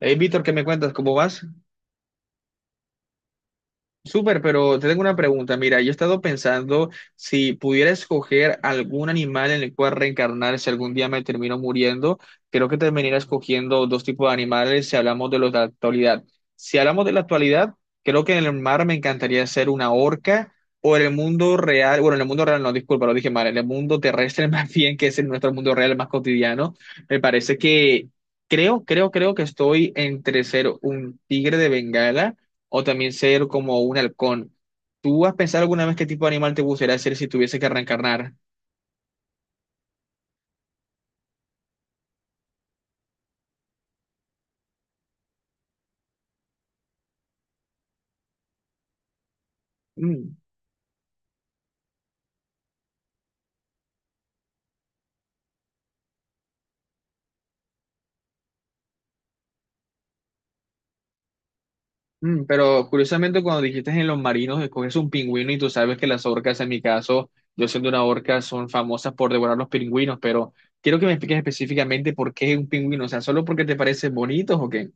Hey, Víctor, ¿qué me cuentas? ¿Cómo vas? Súper, pero te tengo una pregunta. Mira, yo he estado pensando si pudiera escoger algún animal en el cual reencarnar si algún día me termino muriendo, creo que terminaría escogiendo dos tipos de animales si hablamos de los de la actualidad. Si hablamos de la actualidad, creo que en el mar me encantaría ser una orca o en el mundo real, bueno, en el mundo real no, disculpa, lo dije mal, en el mundo terrestre más bien, que es en nuestro mundo real más cotidiano, me parece que creo que estoy entre ser un tigre de Bengala o también ser como un halcón. ¿Tú has pensado alguna vez qué tipo de animal te gustaría ser si tuviese que reencarnar? Mm, pero curiosamente cuando dijiste en los marinos, escoges un pingüino y tú sabes que las orcas, en mi caso, yo siendo una orca, son famosas por devorar los pingüinos, pero quiero que me expliques específicamente por qué un pingüino, o sea, ¿solo porque te parecen bonitos o qué?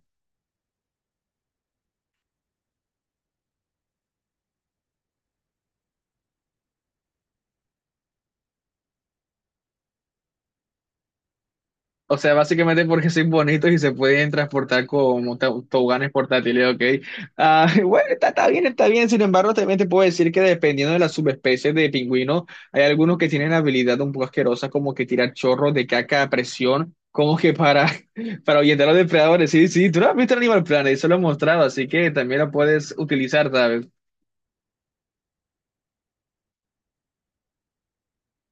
O sea, básicamente porque son bonitos y se pueden transportar como toboganes portátiles, ¿ok? Ah, bueno, está bien, está bien. Sin embargo, también te puedo decir que dependiendo de las subespecies de pingüino, hay algunos que tienen habilidad un poco asquerosa, como que tirar chorros de caca a presión, como que para, para ahuyentar a los depredadores. Sí, sí, tú no has visto el Animal Planet, eso lo he mostrado, así que también lo puedes utilizar, ¿sabes?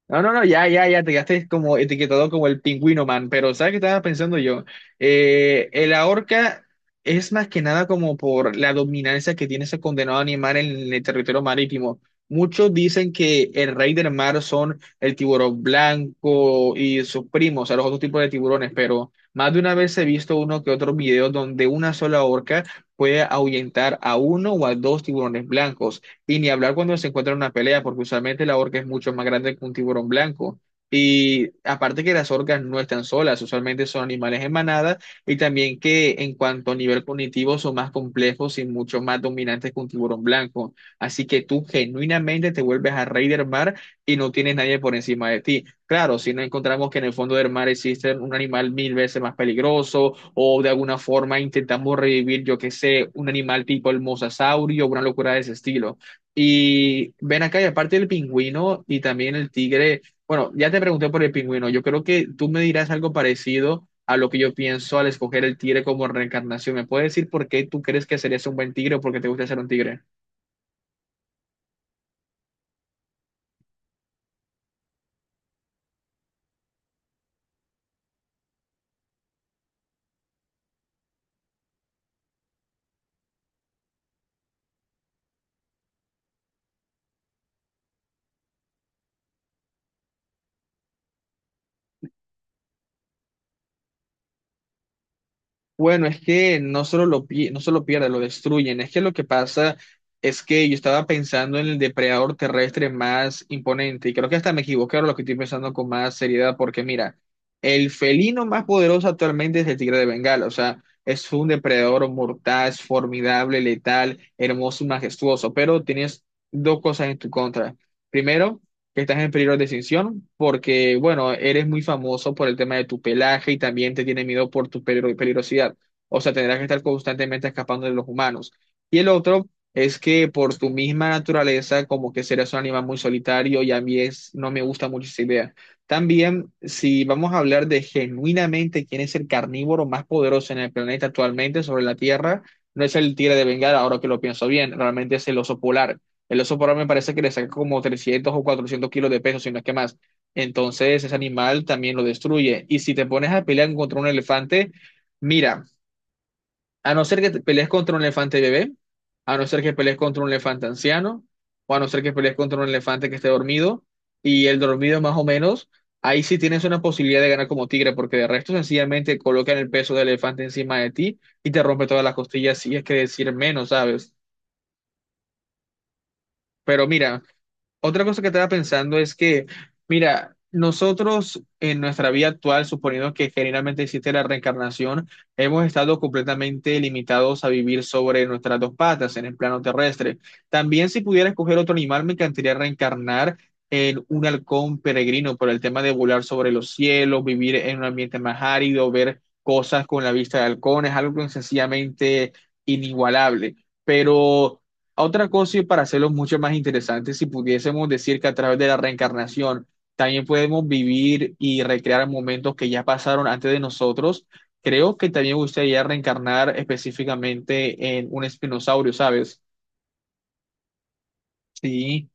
No, no, no, ya, ya, ya, te quedaste como etiquetado como el pingüino man, pero ¿sabes qué estaba pensando yo? La orca es más que nada como por la dominancia que tiene ese condenado animal en el territorio marítimo. Muchos dicen que el rey del mar son el tiburón blanco y sus primos, o sea, los otros tipos de tiburones, pero más de una vez he visto uno que otro video donde una sola orca puede ahuyentar a uno o a dos tiburones blancos. Y ni hablar cuando se encuentra en una pelea, porque usualmente la orca es mucho más grande que un tiburón blanco. Y aparte que las orcas no están solas, usualmente son animales en manada y también que en cuanto a nivel cognitivo son más complejos y mucho más dominantes que un tiburón blanco. Así que tú genuinamente te vuelves a rey del mar y no tienes nadie por encima de ti. Claro, si no encontramos que en el fondo del mar existe un animal mil veces más peligroso o de alguna forma intentamos revivir, yo qué sé, un animal tipo el mosasaurio o una locura de ese estilo. Y ven acá, y aparte del pingüino y también el tigre, bueno, ya te pregunté por el pingüino, yo creo que tú me dirás algo parecido a lo que yo pienso al escoger el tigre como reencarnación. ¿Me puedes decir por qué tú crees que serías un buen tigre o por qué te gusta ser un tigre? Bueno, es que no solo no solo pierde, lo destruyen. Es que lo que pasa es que yo estaba pensando en el depredador terrestre más imponente y creo que hasta me equivoqué ahora lo que estoy pensando con más seriedad porque mira, el felino más poderoso actualmente es el tigre de Bengala. O sea, es un depredador mortal, es formidable, letal, hermoso y majestuoso, pero tienes dos cosas en tu contra. Primero, que estás en peligro de extinción porque, bueno, eres muy famoso por el tema de tu pelaje y también te tiene miedo por tu peligrosidad. O sea, tendrás que estar constantemente escapando de los humanos. Y el otro es que por tu misma naturaleza, como que serás un animal muy solitario y a mí es, no me gusta mucho esa idea. También, si vamos a hablar de genuinamente quién es el carnívoro más poderoso en el planeta actualmente sobre la Tierra, no es el tigre de Bengala, ahora que lo pienso bien, realmente es el oso polar. El oso polar me parece que le saca como 300 o 400 kilos de peso, si no es que más. Entonces, ese animal también lo destruye. Y si te pones a pelear contra un elefante, mira, a no ser que te pelees contra un elefante bebé, a no ser que pelees contra un elefante anciano, o a no ser que pelees contra un elefante que esté dormido, y el dormido más o menos, ahí sí tienes una posibilidad de ganar como tigre, porque de resto sencillamente colocan el peso del elefante encima de ti y te rompe todas las costillas, si es que decir menos, ¿sabes? Pero mira, otra cosa que estaba pensando es que, mira, nosotros en nuestra vida actual, suponiendo que generalmente existe la reencarnación, hemos estado completamente limitados a vivir sobre nuestras dos patas en el plano terrestre. También si pudiera escoger otro animal, me encantaría reencarnar en un halcón peregrino por el tema de volar sobre los cielos, vivir en un ambiente más árido, ver cosas con la vista de halcón, es algo sencillamente inigualable. Pero otra cosa, y para hacerlo mucho más interesante, si pudiésemos decir que a través de la reencarnación también podemos vivir y recrear momentos que ya pasaron antes de nosotros, creo que también me gustaría reencarnar específicamente en un espinosaurio, ¿sabes? Sí,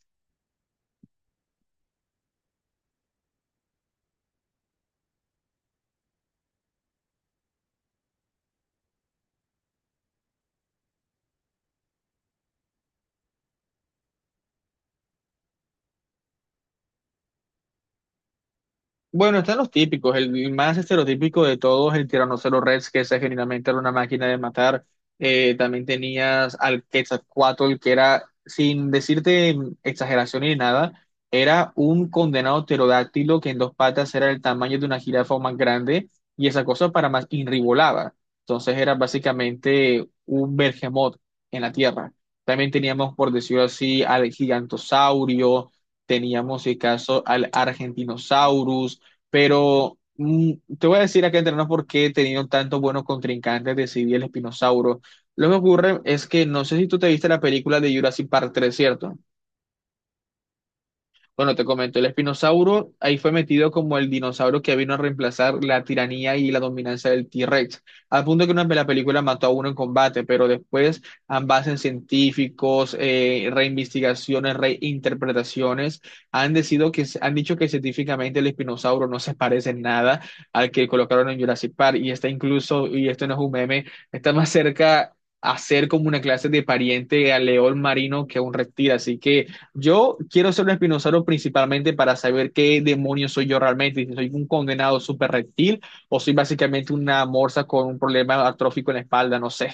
bueno, están los típicos. El más estereotípico de todos, el Tyrannosaurus Rex, que ese genuinamente era una máquina de matar. También tenías al Quetzalcóatl, que era, sin decirte exageración ni nada, era un condenado pterodáctilo que en dos patas era el tamaño de una jirafa o más grande, y esa cosa para más inribolaba. Entonces era básicamente un bergemot en la tierra. También teníamos, por decirlo así, al gigantosaurio, teníamos, si caso, al argentinosaurus pero mm, te voy a decir acá entre nos por qué he tenido tantos buenos contrincantes de Civil el Espinosauro. Lo que ocurre es que no sé si tú te viste la película de Jurassic Park 3, ¿cierto? Bueno, te comento, el espinosauro ahí fue metido como el dinosaurio que vino a reemplazar la tiranía y la dominancia del T-Rex, al punto que una la película mató a uno en combate, pero después ambas en científicos, reinvestigaciones, reinterpretaciones, han dicho que científicamente el espinosauro no se parece en nada al que colocaron en Jurassic Park, y está incluso, y esto no es un meme, está más cerca... a ser como una clase de pariente al león marino que a un reptil, así que yo quiero ser un espinosaurio principalmente para saber qué demonio soy yo realmente, si soy un condenado súper reptil o soy básicamente una morsa con un problema atrófico en la espalda, no sé.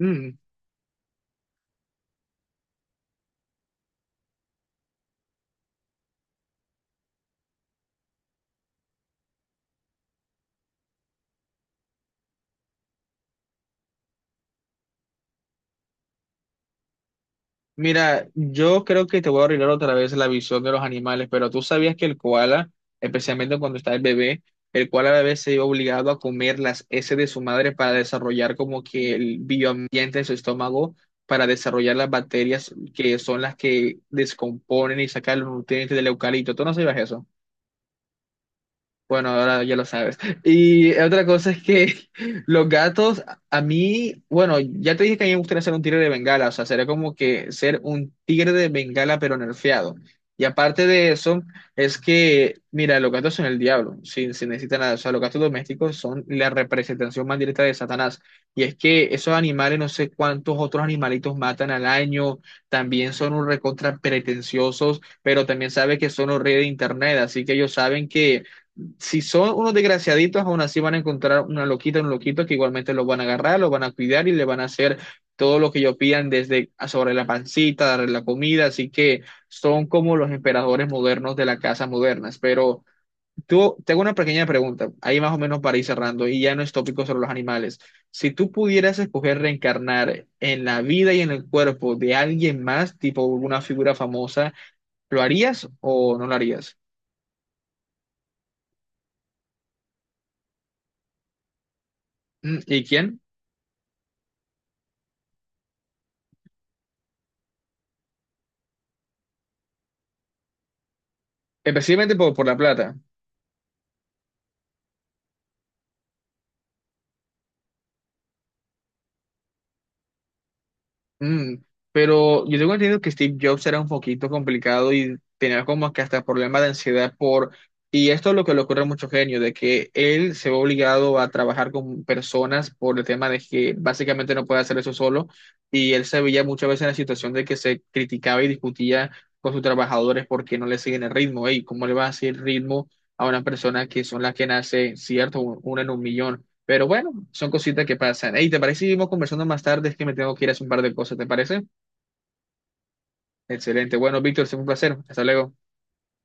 Mm, Mira, yo creo que te voy a arreglar otra vez la visión de los animales, pero tú sabías que el koala, especialmente cuando está el bebé, el koala a veces se ve obligado a comer las heces de su madre para desarrollar como que el bioambiente en su estómago, para desarrollar las bacterias que son las que descomponen y sacan los nutrientes del eucalipto. ¿Tú no sabías eso? Bueno, ahora ya lo sabes. Y otra cosa es que los gatos, a mí, bueno, ya te dije que a mí me gustaría ser un tigre de Bengala, o sea, sería como que ser un tigre de Bengala pero nerfeado. Y aparte de eso, es que, mira, los gatos son el diablo, sin necesitar nada. O sea, los gatos domésticos son la representación más directa de Satanás. Y es que esos animales, no sé cuántos otros animalitos matan al año, también son un recontra pretenciosos, pero también sabe que son los reyes de internet, así que ellos saben que si son unos desgraciaditos, aún así van a encontrar una loquita, un loquito que igualmente los van a agarrar, los van a cuidar y le van a hacer todo lo que ellos pidan desde sobre la pancita, darle la comida, así que son como los emperadores modernos de la casa modernas. Pero tú, tengo una pequeña pregunta, ahí más o menos para ir cerrando, y ya no es tópico sobre los animales. Si tú pudieras escoger reencarnar en la vida y en el cuerpo de alguien más, tipo una figura famosa, ¿lo harías o no lo harías? Mm, ¿y quién? Especialmente por la plata. Mm, pero yo tengo entendido que Steve Jobs era un poquito complicado y tenía como que hasta problemas de ansiedad por... Y esto es lo que le ocurre a muchos genios, de que él se ve obligado a trabajar con personas por el tema de que básicamente no puede hacer eso solo. Y él se veía muchas veces en la situación de que se criticaba y discutía con sus trabajadores porque no le siguen el ritmo. Ey, ¿cómo le va a hacer ritmo a una persona que son las que nace, cierto, una en un millón? Pero bueno. Son cositas que pasan. Hey, ¿te parece si seguimos conversando más tarde? Es que me tengo que ir a hacer un par de cosas, ¿te parece? Excelente. Bueno, Víctor, es un placer. Hasta luego.